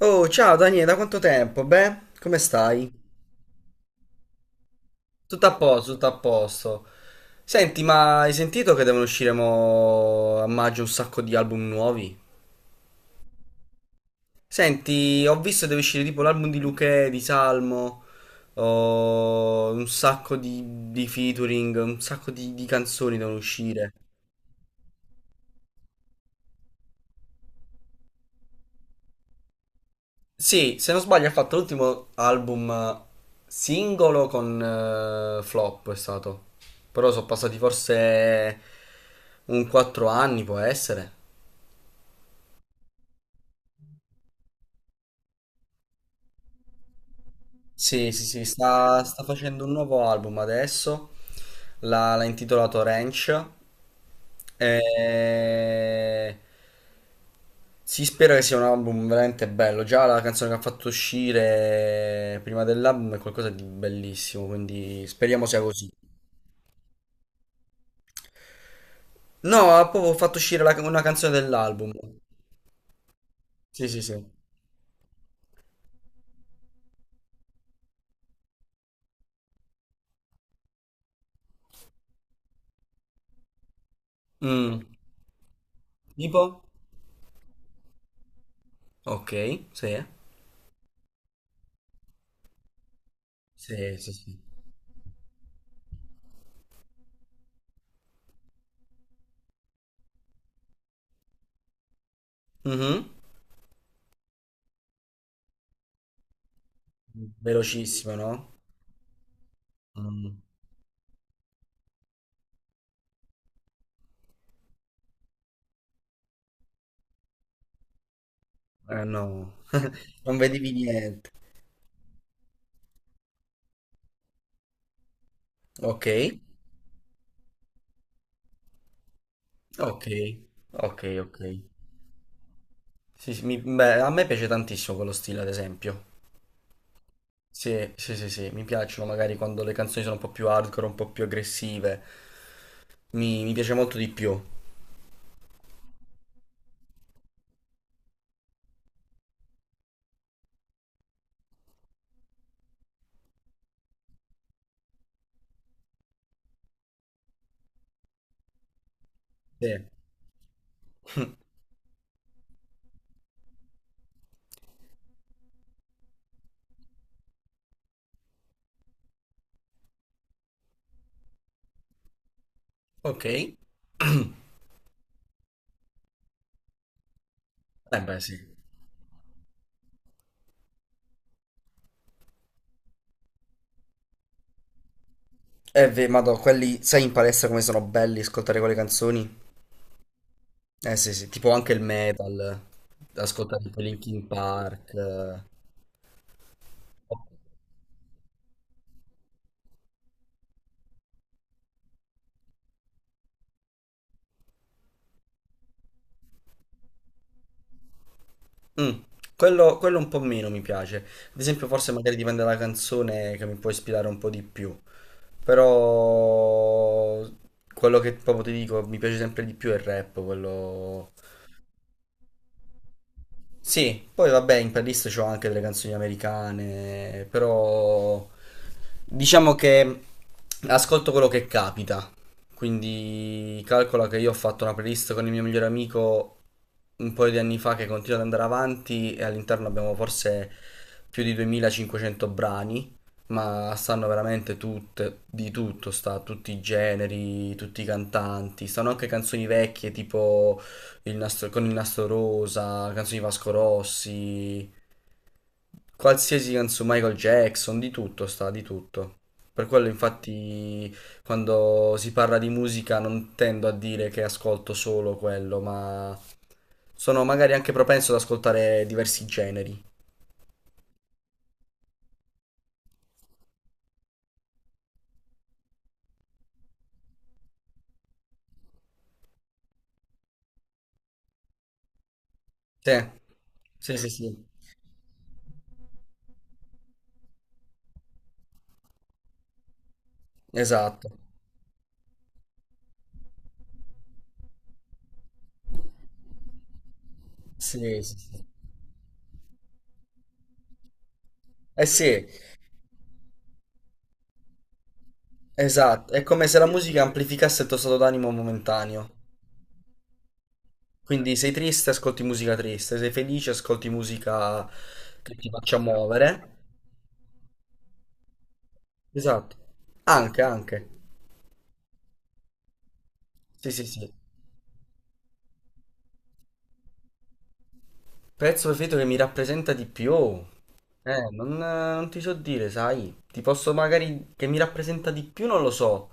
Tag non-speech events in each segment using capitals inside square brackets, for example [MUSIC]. Oh, ciao Daniele, da quanto tempo? Beh, come stai? Tutto a posto, tutto a posto. Senti, ma hai sentito che devono uscire mo a maggio un sacco di album nuovi? Senti, ho visto che deve uscire tipo l'album di Luchè, di Salmo, oh, un sacco di, featuring, un sacco di canzoni devono uscire. Sì, se non sbaglio ha fatto l'ultimo album singolo con Flop è stato. Però sono passati forse un 4 anni, può essere. Sì, sì, sì, sta facendo un nuovo album adesso. L'ha intitolato Ranch. E... Si spera che sia un album veramente bello. Già la canzone che ha fatto uscire prima dell'album è qualcosa di bellissimo, quindi speriamo sia così. No, ha proprio fatto uscire una canzone dell'album. Sì, sì, sì. Mm. Tipo? Ok, sì. Sì, sì, sì. Mhm. Velocissimo, no? Mm. Eh no, [LAUGHS] non vedevi niente. Ok, ok, ok, ok. Sì, sì, beh, a me piace tantissimo quello stile, ad esempio. Sì, sì, sì, sì, mi piacciono magari quando le canzoni sono un po' più hardcore, un po' più aggressive. Mi piace molto di più. Sì. Ok. Eh beh, sì. Madò, quelli, sai in palestra come sono belli ascoltare quelle canzoni? Eh sì, sì, tipo anche il metal, ascoltare tipo Linkin Park. Mm, quello un po' meno mi piace. Ad esempio, forse magari dipende dalla canzone che mi può ispirare un po' di più. Però quello che proprio ti dico mi piace sempre di più è il rap, quello. Sì, poi vabbè, in playlist c'ho anche delle canzoni americane, però diciamo che ascolto quello che capita. Quindi calcola che io ho fatto una playlist con il mio migliore amico un paio di anni fa che continua ad andare avanti e all'interno abbiamo forse più di 2500 brani, ma stanno veramente tutte, di tutto, sta tutti i generi, tutti i cantanti, stanno anche canzoni vecchie tipo con il nastro rosa, canzoni di Vasco Rossi, qualsiasi canzone, Michael Jackson, di tutto sta, di tutto. Per quello infatti quando si parla di musica non tendo a dire che ascolto solo quello, ma sono magari anche propenso ad ascoltare diversi generi. Sì, sì, sì, sì. Esatto. Sì, sì, sì. Eh sì, esatto, è come se la musica amplificasse il tuo stato d'animo momentaneo. Quindi sei triste, ascolti musica triste, sei felice, ascolti musica che ti faccia muovere. Esatto. Anche, anche. Sì, sì, sì. Pezzo preferito che mi rappresenta di più. Non ti so dire, sai. Ti posso magari che mi rappresenta di più, non lo so.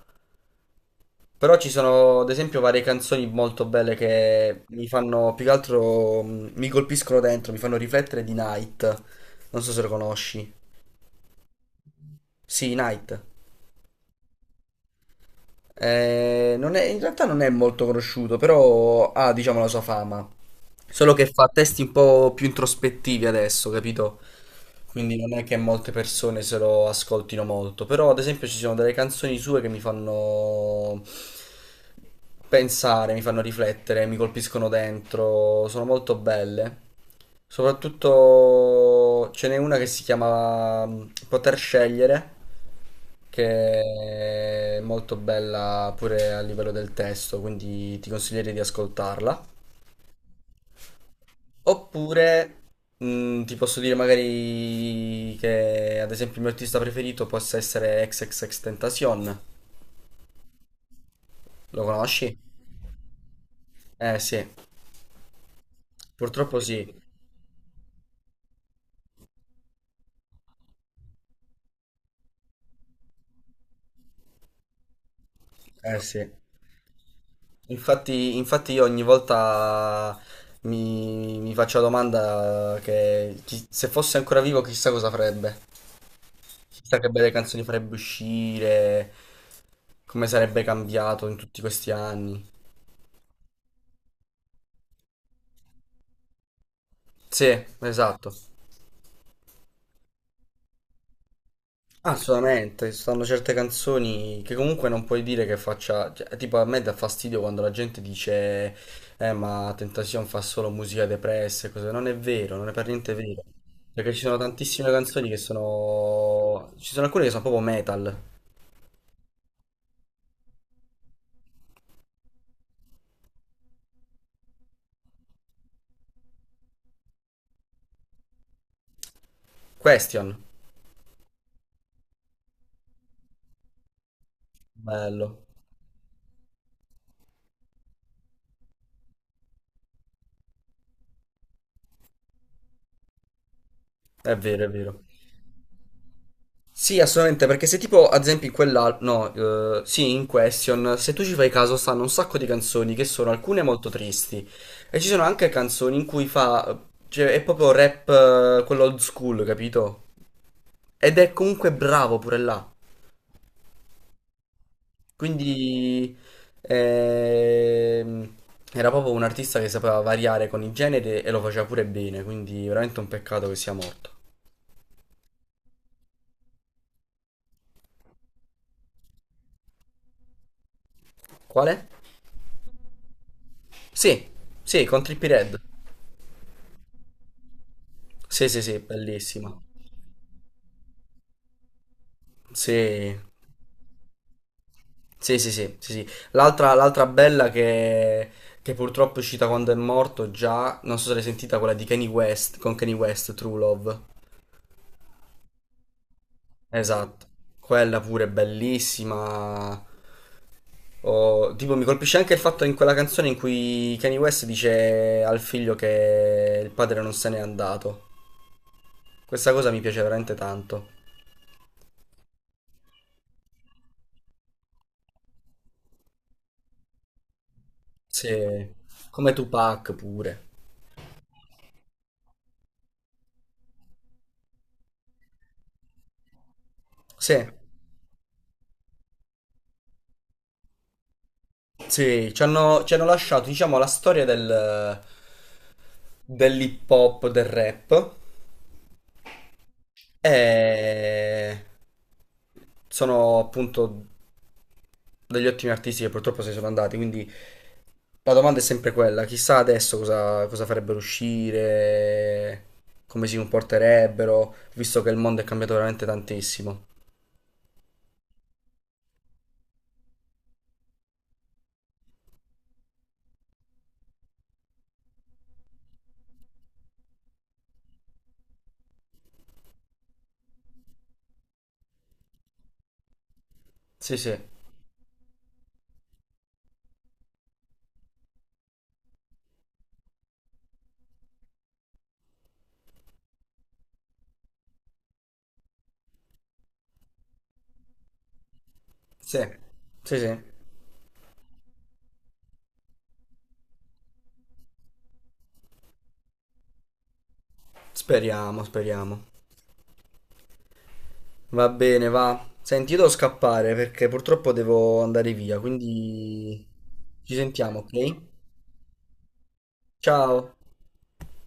Però ci sono, ad esempio, varie canzoni molto belle che mi fanno, più che altro, mi colpiscono dentro, mi fanno riflettere di Night. Non so se lo conosci. Sì, Night. Non è- in realtà non è molto conosciuto, però ha, diciamo, la sua fama. Solo che fa testi un po' più introspettivi adesso, capito? Quindi non è che molte persone se lo ascoltino molto. Però, ad esempio, ci sono delle canzoni sue che mi fanno pensare, mi fanno riflettere, mi colpiscono dentro, sono molto belle. Soprattutto ce n'è una che si chiama Poter scegliere, che è molto bella pure a livello del testo, quindi ti consiglierei di ascoltarla. Oppure ti posso dire magari che ad esempio il mio artista preferito possa essere XXXTentacion. Lo conosci? Eh sì, purtroppo sì. Eh sì. Infatti io ogni volta mi faccio la domanda che se fosse ancora vivo chissà cosa farebbe, chissà che belle canzoni farebbe uscire, come sarebbe cambiato in tutti questi anni. Sì, esatto. Assolutamente, ci sono certe canzoni che comunque non puoi dire che faccia, cioè, tipo a me dà fastidio quando la gente dice ma Tentacion fa solo musica depressa e cose, non è vero, non è per niente vero, perché ci sono tantissime canzoni che sono, ci sono alcune che sono proprio metal. Question, bello, è vero, è vero. Sì, assolutamente, perché se tipo, ad esempio, in quella, no, sì, in Question, se tu ci fai caso, stanno un sacco di canzoni che sono alcune molto tristi e ci sono anche canzoni in cui fa, cioè, è proprio rap, quello old school, capito? Ed è comunque bravo pure là. Quindi, ehm, era proprio un artista che sapeva variare con i generi e lo faceva pure bene, quindi veramente un peccato che sia morto. Quale? Sì, sì, con Trippie Red. Sì, sì, sì, bellissima. Sì, sì, sì, sì, sì, sì. L'altra bella che purtroppo è uscita quando è morto già, non so se l'hai sentita, quella di Kanye West, con Kanye West, True Love. Esatto, quella pure è bellissima. Oh, tipo, mi colpisce anche il fatto in quella canzone in cui Kanye West dice al figlio che il padre non se n'è andato. Questa cosa mi piace veramente tanto. Sì, come Tupac pure. Sì. Sì, ci hanno lasciato, diciamo, la storia dell'hip hop, del rap. E sono appunto degli ottimi artisti che purtroppo se ne sono andati. Quindi la domanda è sempre quella: chissà adesso cosa farebbero uscire, come si comporterebbero, visto che il mondo è cambiato veramente tantissimo. Sì, sì, sì, sì, sì. Speriamo, speriamo. Va bene, va. Senti, io devo scappare perché purtroppo devo andare via, quindi ci sentiamo, ok? Ciao.